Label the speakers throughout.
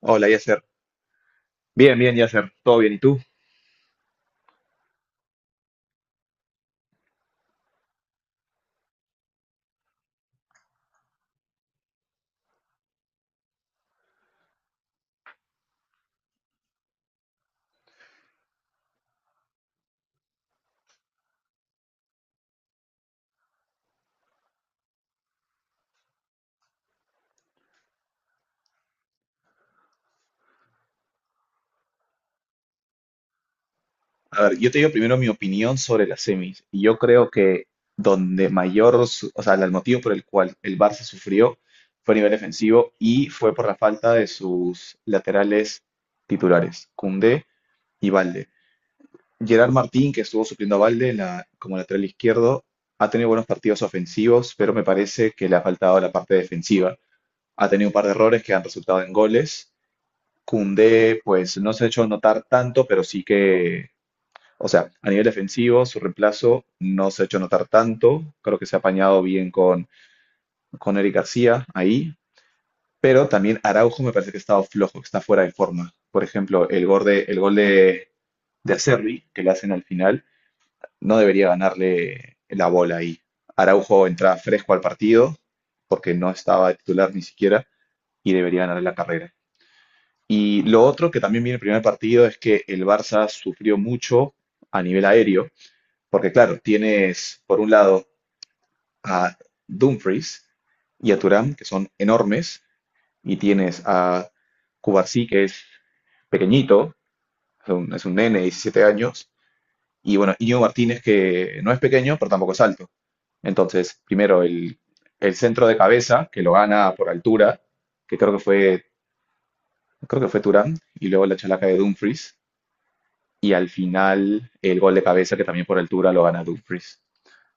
Speaker 1: Hola, Yasser. Bien, Yasser. Todo bien. ¿Y tú? A ver, yo te digo primero mi opinión sobre las semis. Y yo creo que o sea, el motivo por el cual el Barça sufrió fue a nivel defensivo y fue por la falta de sus laterales titulares, Koundé y Valde. Gerard Martín, que estuvo supliendo a Valde como lateral izquierdo, ha tenido buenos partidos ofensivos, pero me parece que le ha faltado la parte defensiva. Ha tenido un par de errores que han resultado en goles. Koundé, pues no se ha hecho notar tanto, pero sí que, o sea, a nivel defensivo, su reemplazo no se ha hecho notar tanto. Creo que se ha apañado bien con Eric García ahí, pero también Araujo me parece que ha estado flojo, que está fuera de forma. Por ejemplo, de Acerbi, que le hacen al final, no debería ganarle la bola ahí. Araujo entra fresco al partido, porque no estaba de titular ni siquiera, y debería ganarle la carrera. Y lo otro que también viene el primer partido es que el Barça sufrió mucho a nivel aéreo, porque claro, tienes por un lado a Dumfries y a Thuram, que son enormes, y tienes a Cubarsí, que es pequeñito, es un nene de 17 años, y bueno, Íñigo Martínez, que no es pequeño, pero tampoco es alto. Entonces, el centro de cabeza, que lo gana por altura, que creo que fue Thuram, y luego la chalaca de Dumfries, y al final el gol de cabeza que también por altura lo gana Dumfries.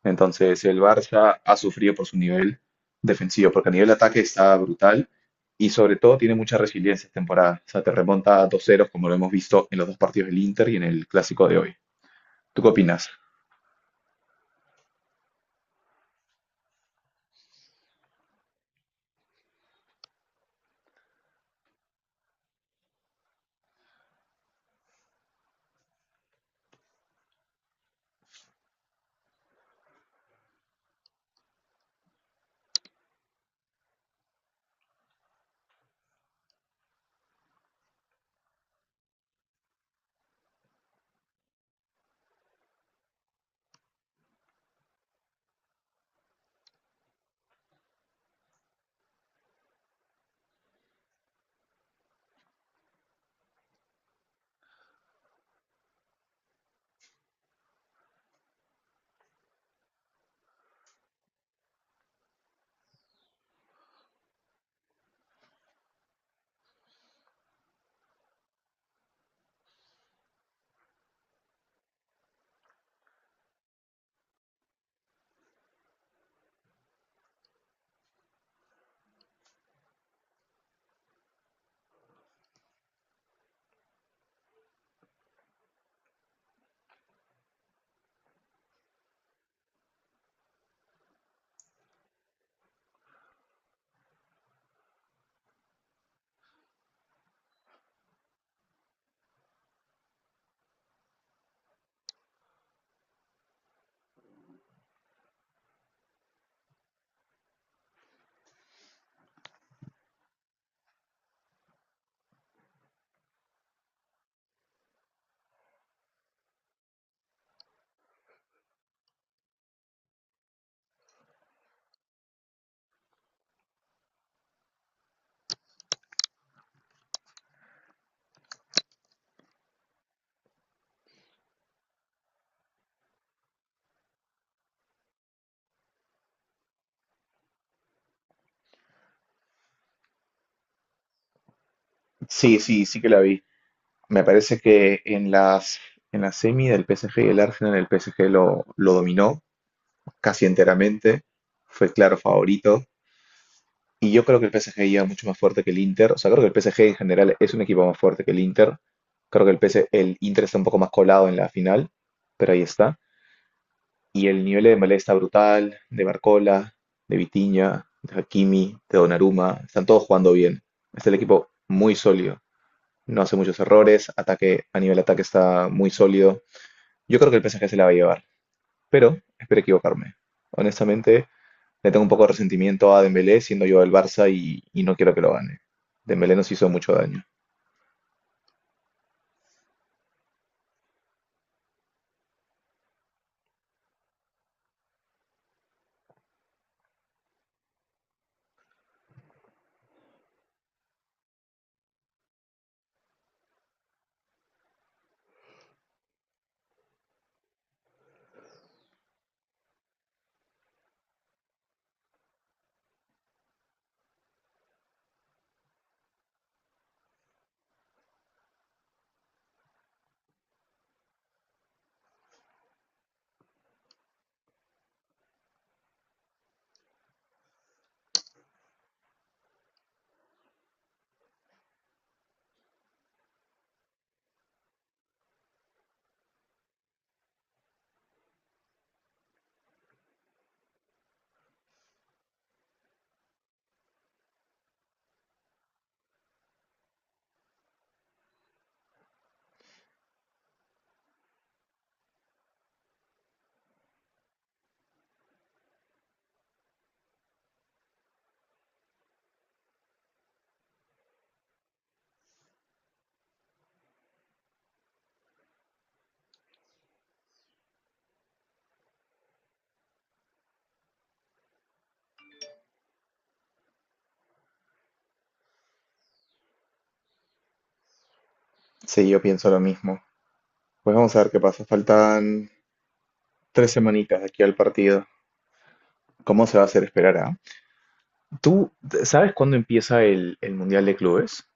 Speaker 1: Entonces el Barça ha sufrido por su nivel defensivo, porque a nivel de ataque está brutal y sobre todo tiene mucha resiliencia esta temporada. O sea, te remonta a dos ceros como lo hemos visto en los dos partidos del Inter y en el clásico de hoy. ¿Tú qué opinas? Sí, sí, sí que la vi. Me parece que en la semi del PSG y el Arsenal el PSG lo dominó casi enteramente, fue claro favorito. Y yo creo que el PSG llega mucho más fuerte que el Inter. O sea, creo que el PSG en general es un equipo más fuerte que el Inter. Creo que el PS El Inter está un poco más colado en la final, pero ahí está. Y el nivel de Dembélé está brutal, de Barcola, de Vitinha, de Hakimi, de Donnarumma. Están todos jugando bien. Es el equipo muy sólido. No hace muchos errores. Ataque, a nivel ataque está muy sólido. Yo creo que el PSG se la va a llevar, pero espero equivocarme. Honestamente, le tengo un poco de resentimiento a Dembélé, siendo yo del Barça y no quiero que lo gane. Dembélé nos hizo mucho daño. Sí, yo pienso lo mismo. Pues vamos a ver qué pasa. Faltan tres semanitas de aquí al partido. ¿Cómo se va a hacer esperar a? ¿Tú sabes cuándo empieza el Mundial de Clubes?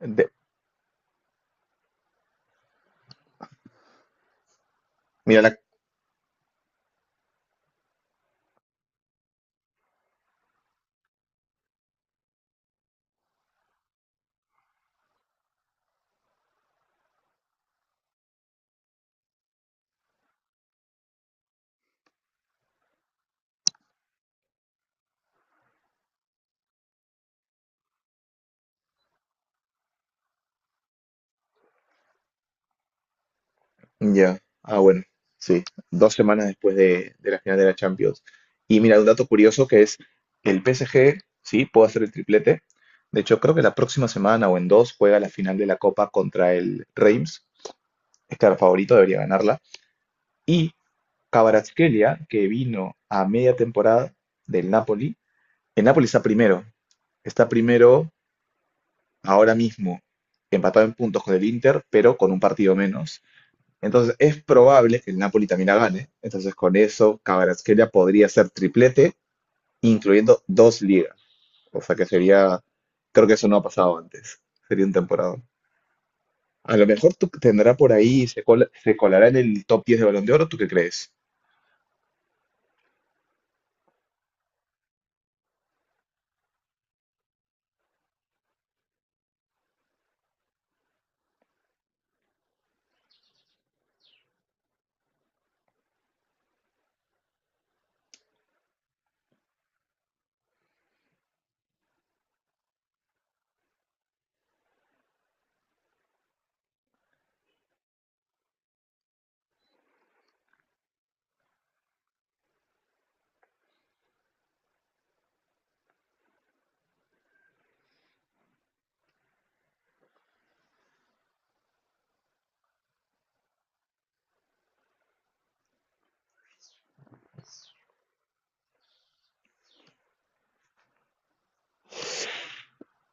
Speaker 1: De- mira, ya, ah, bueno, sí, dos semanas después de la final de la Champions. Y mira, un dato curioso que es el PSG, sí, puede hacer el triplete. De hecho, creo que la próxima semana o en dos juega la final de la Copa contra el Reims. Es claro, favorito, debería ganarla. Y Kvaratskhelia, que vino a media temporada del Napoli. El Napoli está primero ahora mismo, empatado en puntos con el Inter, pero con un partido menos. Entonces es probable que el Napoli también la gane. Entonces con eso Kvaratskhelia podría ser triplete, incluyendo dos ligas. O sea que sería, creo que eso no ha pasado antes. Sería un temporada. A lo mejor tú tendrá por ahí, se colará en el top 10 de Balón de Oro, ¿tú qué crees?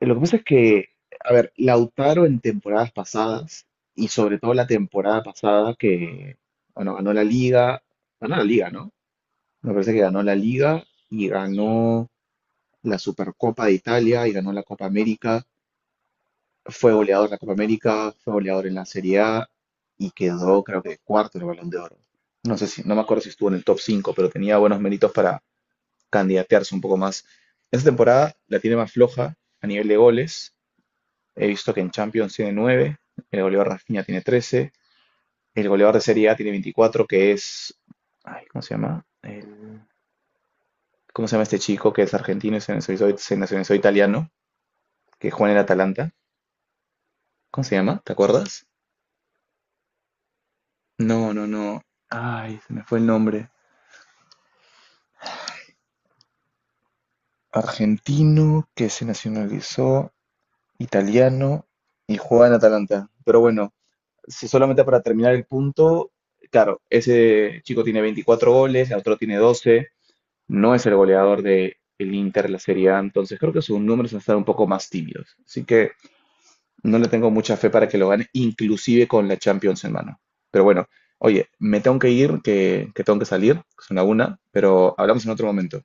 Speaker 1: Lo que pasa es que, a ver, Lautaro en temporadas pasadas, y sobre todo la temporada pasada que, bueno, ganó la liga, ¿no? Me parece que ganó la liga y ganó la Supercopa de Italia y ganó la Copa América. Fue goleador en la Copa América, fue goleador en la Serie A y quedó, creo que, cuarto en el Balón de Oro. No sé si, no me acuerdo si estuvo en el top 5 pero tenía buenos méritos para candidatearse un poco más. Esta temporada la tiene más floja a nivel de goles. He visto que en Champions tiene 9, el goleador Rafinha tiene 13, el goleador de Serie A tiene 24, que es. Ay, ¿cómo se llama? ¿Cómo se llama este chico que es argentino y se nacionalizó italiano, que juega en el Atalanta? ¿Cómo se llama? ¿Te acuerdas? No, no, no. Ay, se me fue el nombre. Argentino que se nacionalizó, italiano y juega en Atalanta. Pero bueno, si solamente para terminar el punto, claro, ese chico tiene 24 goles, el otro tiene 12. No es el goleador de el Inter, la Serie A, entonces creo que sus números van a estar un poco más tímidos. Así que no le tengo mucha fe para que lo gane, inclusive con la Champions en mano. Pero bueno, oye, me tengo que ir, que tengo que salir, son la una, pero hablamos en otro momento.